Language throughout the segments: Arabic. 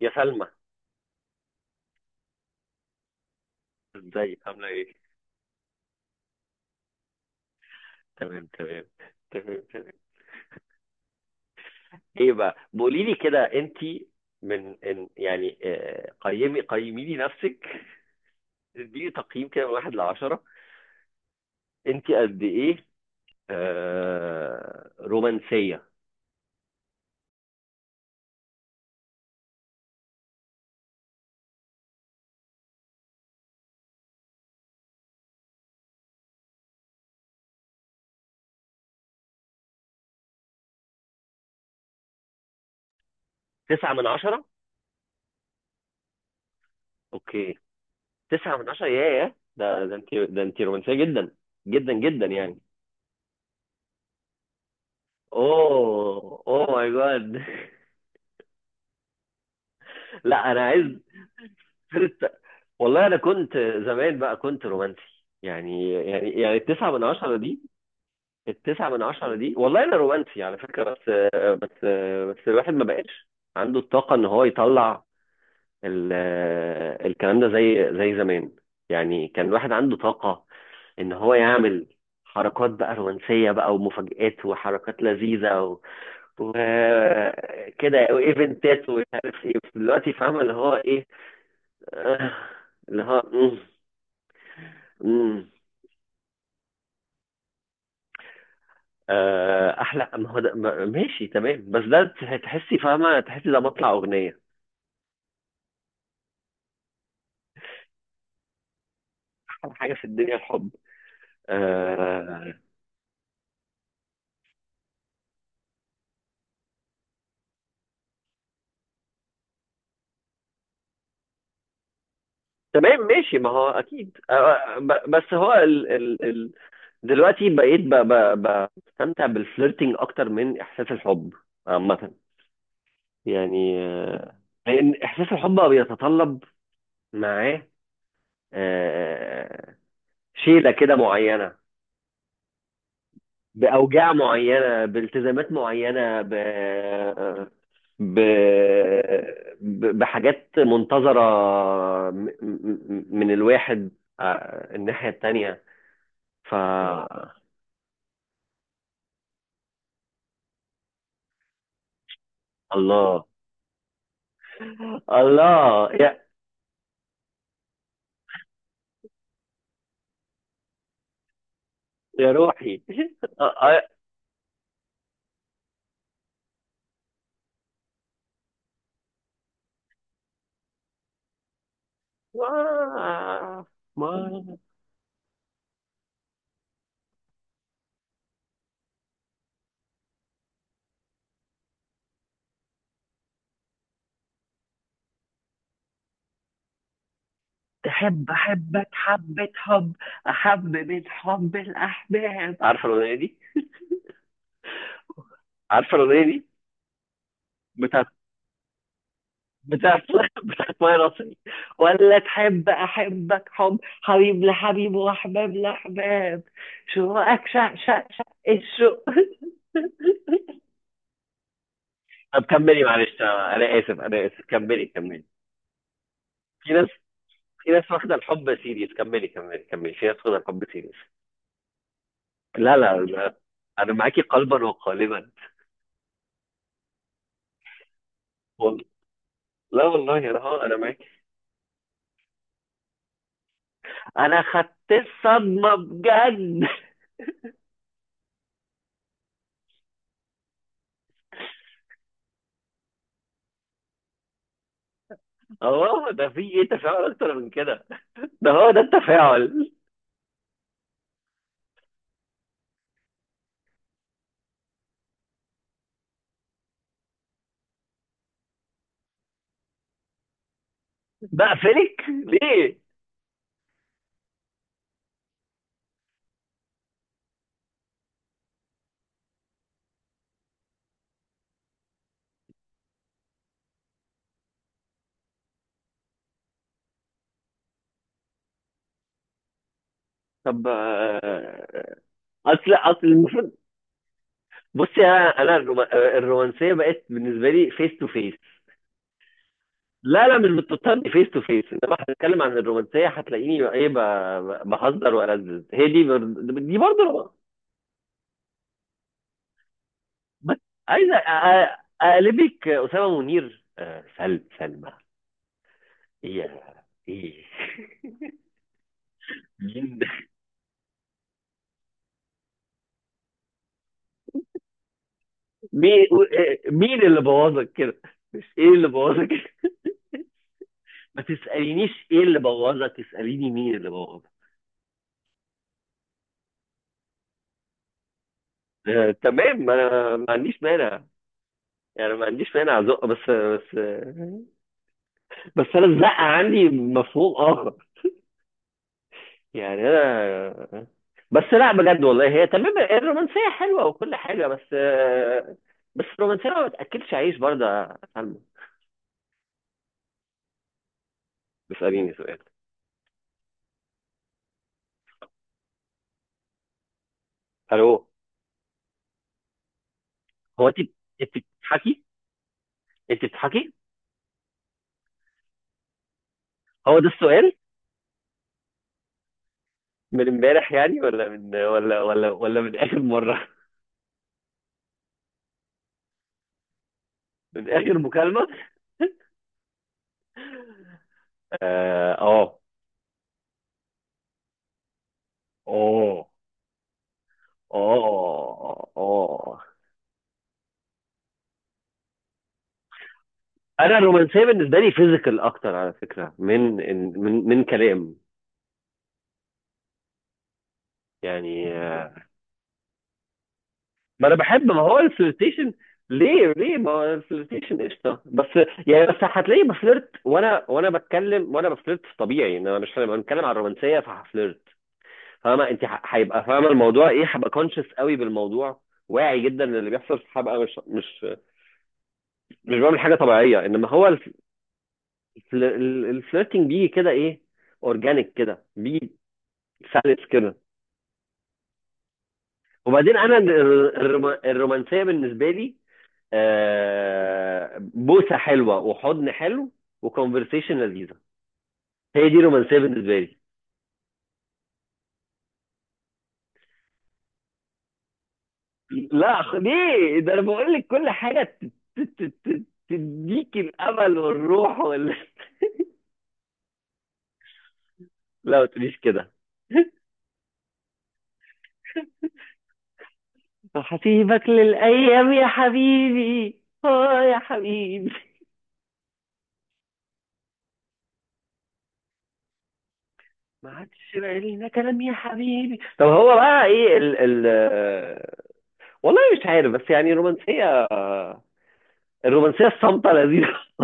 يا سلمى، ازيك عامله ايه؟ تمام تمام. تمام تمام. ايه بقى بقولي لي كده انت؟ من إن يعني قيمي قيمي لي نفسك. اديني تقييم كده من 1-10، انت قد ايه؟ رومانسيه. 9/10؟ اوكي. 9/10، ياه، ده انت، ده انت رومانسيه جدا، جدا جدا يعني. اوه اوه ماي جاد! لا انا عايز فرقة. والله انا كنت، زمان بقى كنت رومانسي. يعني الـ9/10 دي، الـ9/10 دي، والله انا رومانسي على فكرة، بس بس بس الواحد ما بقاش عنده الطاقة ان هو يطلع ال- الكلام ده زي زمان. يعني كان الواحد عنده طاقة ان هو يعمل حركات بقى رومانسية بقى ومفاجآت وحركات لذيذة وكده وايفنتات ومش عارف ايه. دلوقتي فاهمة اللي هو ايه، آه، اللي هو امم احلى ما هو ده، ماشي تمام. بس ده تحسي، فاهمه، تحسي ده مطلع اغنيه. احلى حاجه في الدنيا الحب؟ آه. تمام ماشي، ما هو اكيد بس هو ال ال ال دلوقتي بقيت بستمتع بالفليرتنج اكتر من احساس الحب عامه، يعني لان احساس الحب بقى بيتطلب معاه، آه شيله كده معينه، باوجاع معينه، بالتزامات معينه، ب... بحاجات منتظرة من الواحد الناحية التانية. ف الله، الله يا روحي. آه، آه، ما ما تحب أحبك حبة حب، أحب من حب الأحباب. عارفة الأغنية دي؟ عارفة الأغنية دي؟ بتاعت، بتاعت بتاعت ماي راسي. ولا تحب احبك حب حبيب لحبيب واحباب لاحباب، شوقك شع شع شع الشوق. طب كملي، معلش، انا اسف انا اسف، كملي كملي. في ناس، في ناس واخده الحب سيريس. كملي كملي كملي، في ناس واخده الحب سيريس. لا لا لا، انا معاكي قلبا وقالبا. وال- لا والله انا، انا معاكي. انا خدت الصدمه بجد. اه، ده في ايه؟ تفاعل اكتر من كده؟ ده هو ده التفاعل. بقفلك ليه؟ طب اصل المفروض، بصي، انا الرومانسيه بقت بالنسبه لي فيس تو فيس. لا لا، مش بتضطرني فيس تو فيس، انما هنتكلم عن الرومانسيه هتلاقيني ايه بهزر والذذ، هي دي دي برضه بس عايز اقلبك اسامه منير. سلمى! ايه؟ ايه؟ مين؟ مين مين اللي بوظك كده؟ مش ايه اللي بوظك. ما تسألينيش ايه اللي بوظها، تسأليني مين اللي بوظها. تمام، ما انا ما عنديش مانع، يعني ما عنديش مانع ازق، بس بس. بس انا الزقه عندي مفهوم اخر. يعني انا، بس لا بجد والله، هي تمام الرومانسيه حلوه وكل حاجه بس، بس الرومانسيه ما بتاكلش عيش برضه يا سلمى. بيساليني سؤال. الو؟ هو انت، انت بتضحكي، انت بتضحكي. هو ده السؤال؟ من امبارح يعني، ولا من ولا ولا ولا من اخر مره، من اخر مكالمه. اه اه. اه اه. اه. انا الرومانسيه بالنسبه لي فيزيكال اكتر على فكره، من من كلام، يعني ما انا بحب، ما هو الفلirtation، ليه ما هو الفلirtation قشطه بس. يعني بس هتلاقيني بفلرت وانا، بتكلم وانا بفلرت في طبيعي. ان انا مش لما بنتكلم عن الرومانسيه فهفلرت، فاهمه انت؟ هيبقى، فاهمه الموضوع ايه، هبقى كونشس قوي بالموضوع، واعي جدا للي بيحصل. هبقى مش بعمل حاجه طبيعيه، انما هو الفل- الفليرتنج بيجي كده، ايه، اورجانيك كده بيجي، سلس كده. وبعدين انا الرومانسيه بالنسبه لي بوسه حلوه وحضن حلو وكونفرسيشن لذيذه. هي دي رومانسيه بالنسبه لي. لا ليه؟ ده انا بقول لك كل حاجه ت- ت- ت- تديك الامل والروح وال... لا ما تقوليش كده. هسيبك للايام يا حبيبي، اه يا حبيبي. ما عادش بقى لينا كلام يا حبيبي. طب هو بقى ايه ال ال والله مش عارف، بس يعني الرومانسيه، آه، الرومانسيه الصامته لذيذه.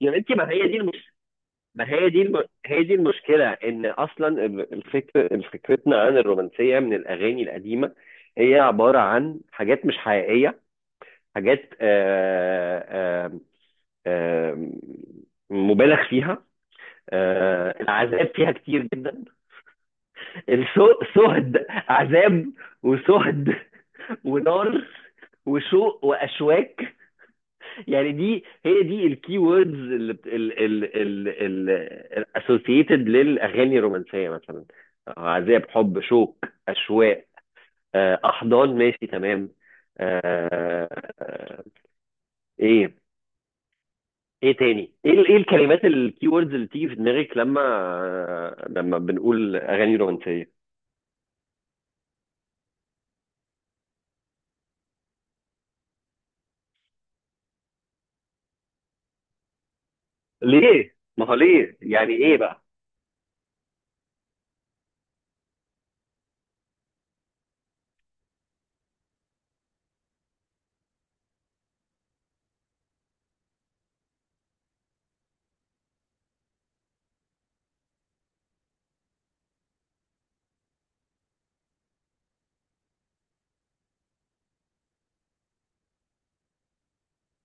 يا بنتي ما هي دي ما هي دي هي دي المشكله، ان اصلا الفكر فكرتنا عن الرومانسيه من الاغاني القديمه، هي عباره عن حاجات مش حقيقيه، حاجات آه آه مبالغ فيها. العذاب فيها كتير جدا، السهد عذاب، وسهد ونار وشوق واشواك. يعني دي، هي دي الكي ووردز الاسوسييتد للاغاني الرومانسيه مثلا، عذاب، حب، شوق، اشواق، احضان، ماشي تمام. آه، آه، ايه؟ ايه تاني؟ ايه ايه الكلمات، الكي ووردز اللي بتيجي في دماغك لما بنقول اغاني رومانسيه؟ ليه؟ ما هو ليه يعني؟ ايه بقى؟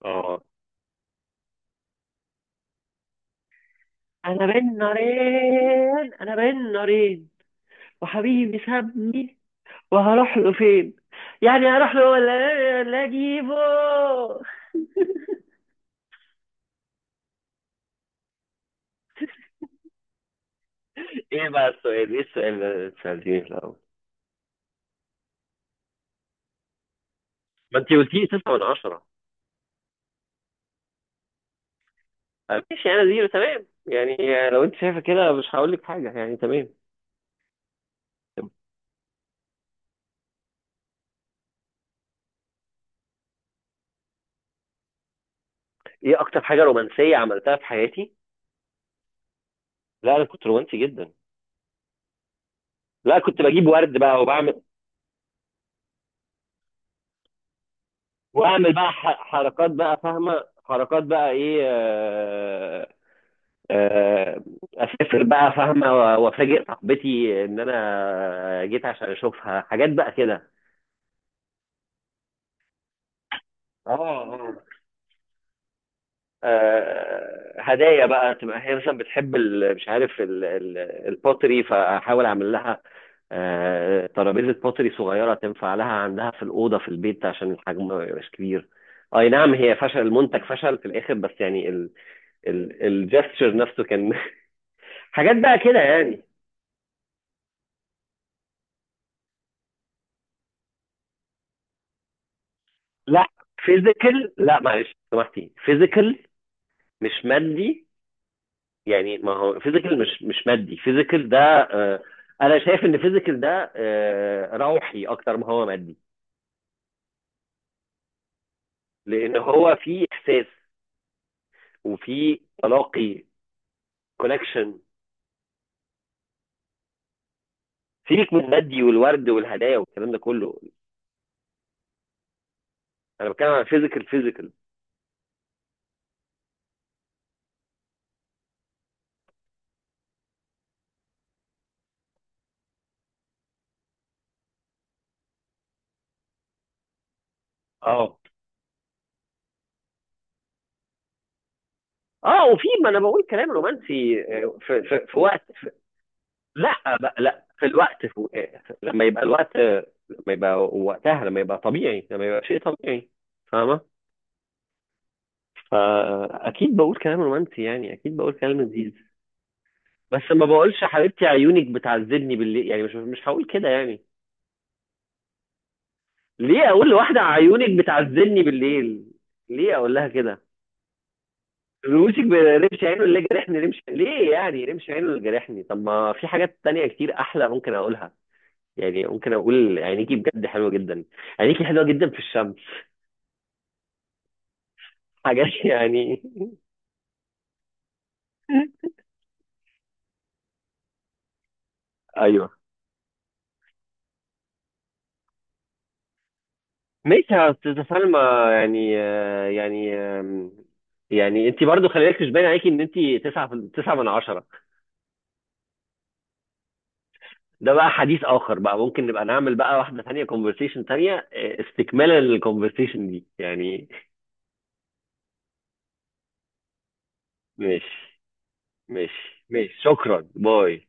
اه، انا بين نارين، انا بين نارين، وحبيبي سابني، وهروح له فين؟ يعني هروح له ولا إيه؟ ولا اجيبه؟ ايه بقى السؤال؟ ايه السؤال اللي انت سالتيه في الاول؟ ما انت قلتيه 9/10. ماشي، انا 0 تمام يعني. لو انت شايفه كده مش هقول لك حاجه يعني، تمام. ايه اكتر حاجه رومانسيه عملتها في حياتي؟ لا انا كنت رومانسي جدا. لا كنت بجيب ورد بقى، وبعمل، واعمل بقى حركات بقى، فاهمه، حركات بقى ايه، آه، اسافر بقى، فاهمه، وافاجئ صاحبتي ان انا جيت عشان اشوفها، حاجات بقى كده. اه اه. هدايا بقى، تبقى هي مثلا بتحب مش عارف ال البوتري، فاحاول اعمل لها ترابيزه بوتري صغيره تنفع لها عندها في الاوضه في البيت، عشان الحجم ما يبقاش كبير. اي نعم، هي فشل، المنتج فشل في الاخر بس يعني، الجستشر نفسه كان، حاجات بقى كده يعني. لا فيزيكال، لا معلش سامحتي، فيزيكال مش مادي. يعني ما هو فيزيكال مش مادي. فيزيكال ده آه، انا شايف ان فيزيكال ده روحي اكتر ما هو مادي، لان هو فيه احساس وفيه تلاقي، كونكشن. سيبك من المادي والورد والهدايا والكلام ده كله، انا بتكلم عن فيزيكال فيزيكال. اه اه. وفي ما انا بقول كلام رومانسي في, في وقت. لا بقى، لا في الوقت، في لما يبقى الوقت، لما يبقى وقتها، لما يبقى طبيعي، لما يبقى شيء طبيعي، فاهمة؟ فأكيد بقول كلام رومانسي يعني، أكيد بقول كلام لذيذ، بس ما بقولش حبيبتي عيونك بتعذبني بالليل، يعني مش هقول كده يعني. ليه أقول لواحدة عيونك بتعذبني بالليل؟ ليه أقول لها كده؟ رموشك برمش عينه اللي جرحني، رمش ليه يعني؟ رمش عينه اللي جرحني، طب ما في حاجات تانية كتير أحلى ممكن أقولها. يعني ممكن أقول عينيكي بجد حلوة جدا، عينيكي حلوة جدا في الشمس، حاجات، يعني ايوه، ماشي يا استاذة سلمى. يعني يعني يعني انت برضو خلي بالك، مش باين عليكي ان انت تسعة، 9/10. ده بقى حديث اخر بقى، ممكن نبقى نعمل بقى واحدة تانية، كونفرسيشن تانية، استكمالا للكونفرسيشن دي يعني. ماشي. ماشي شكرا، باي.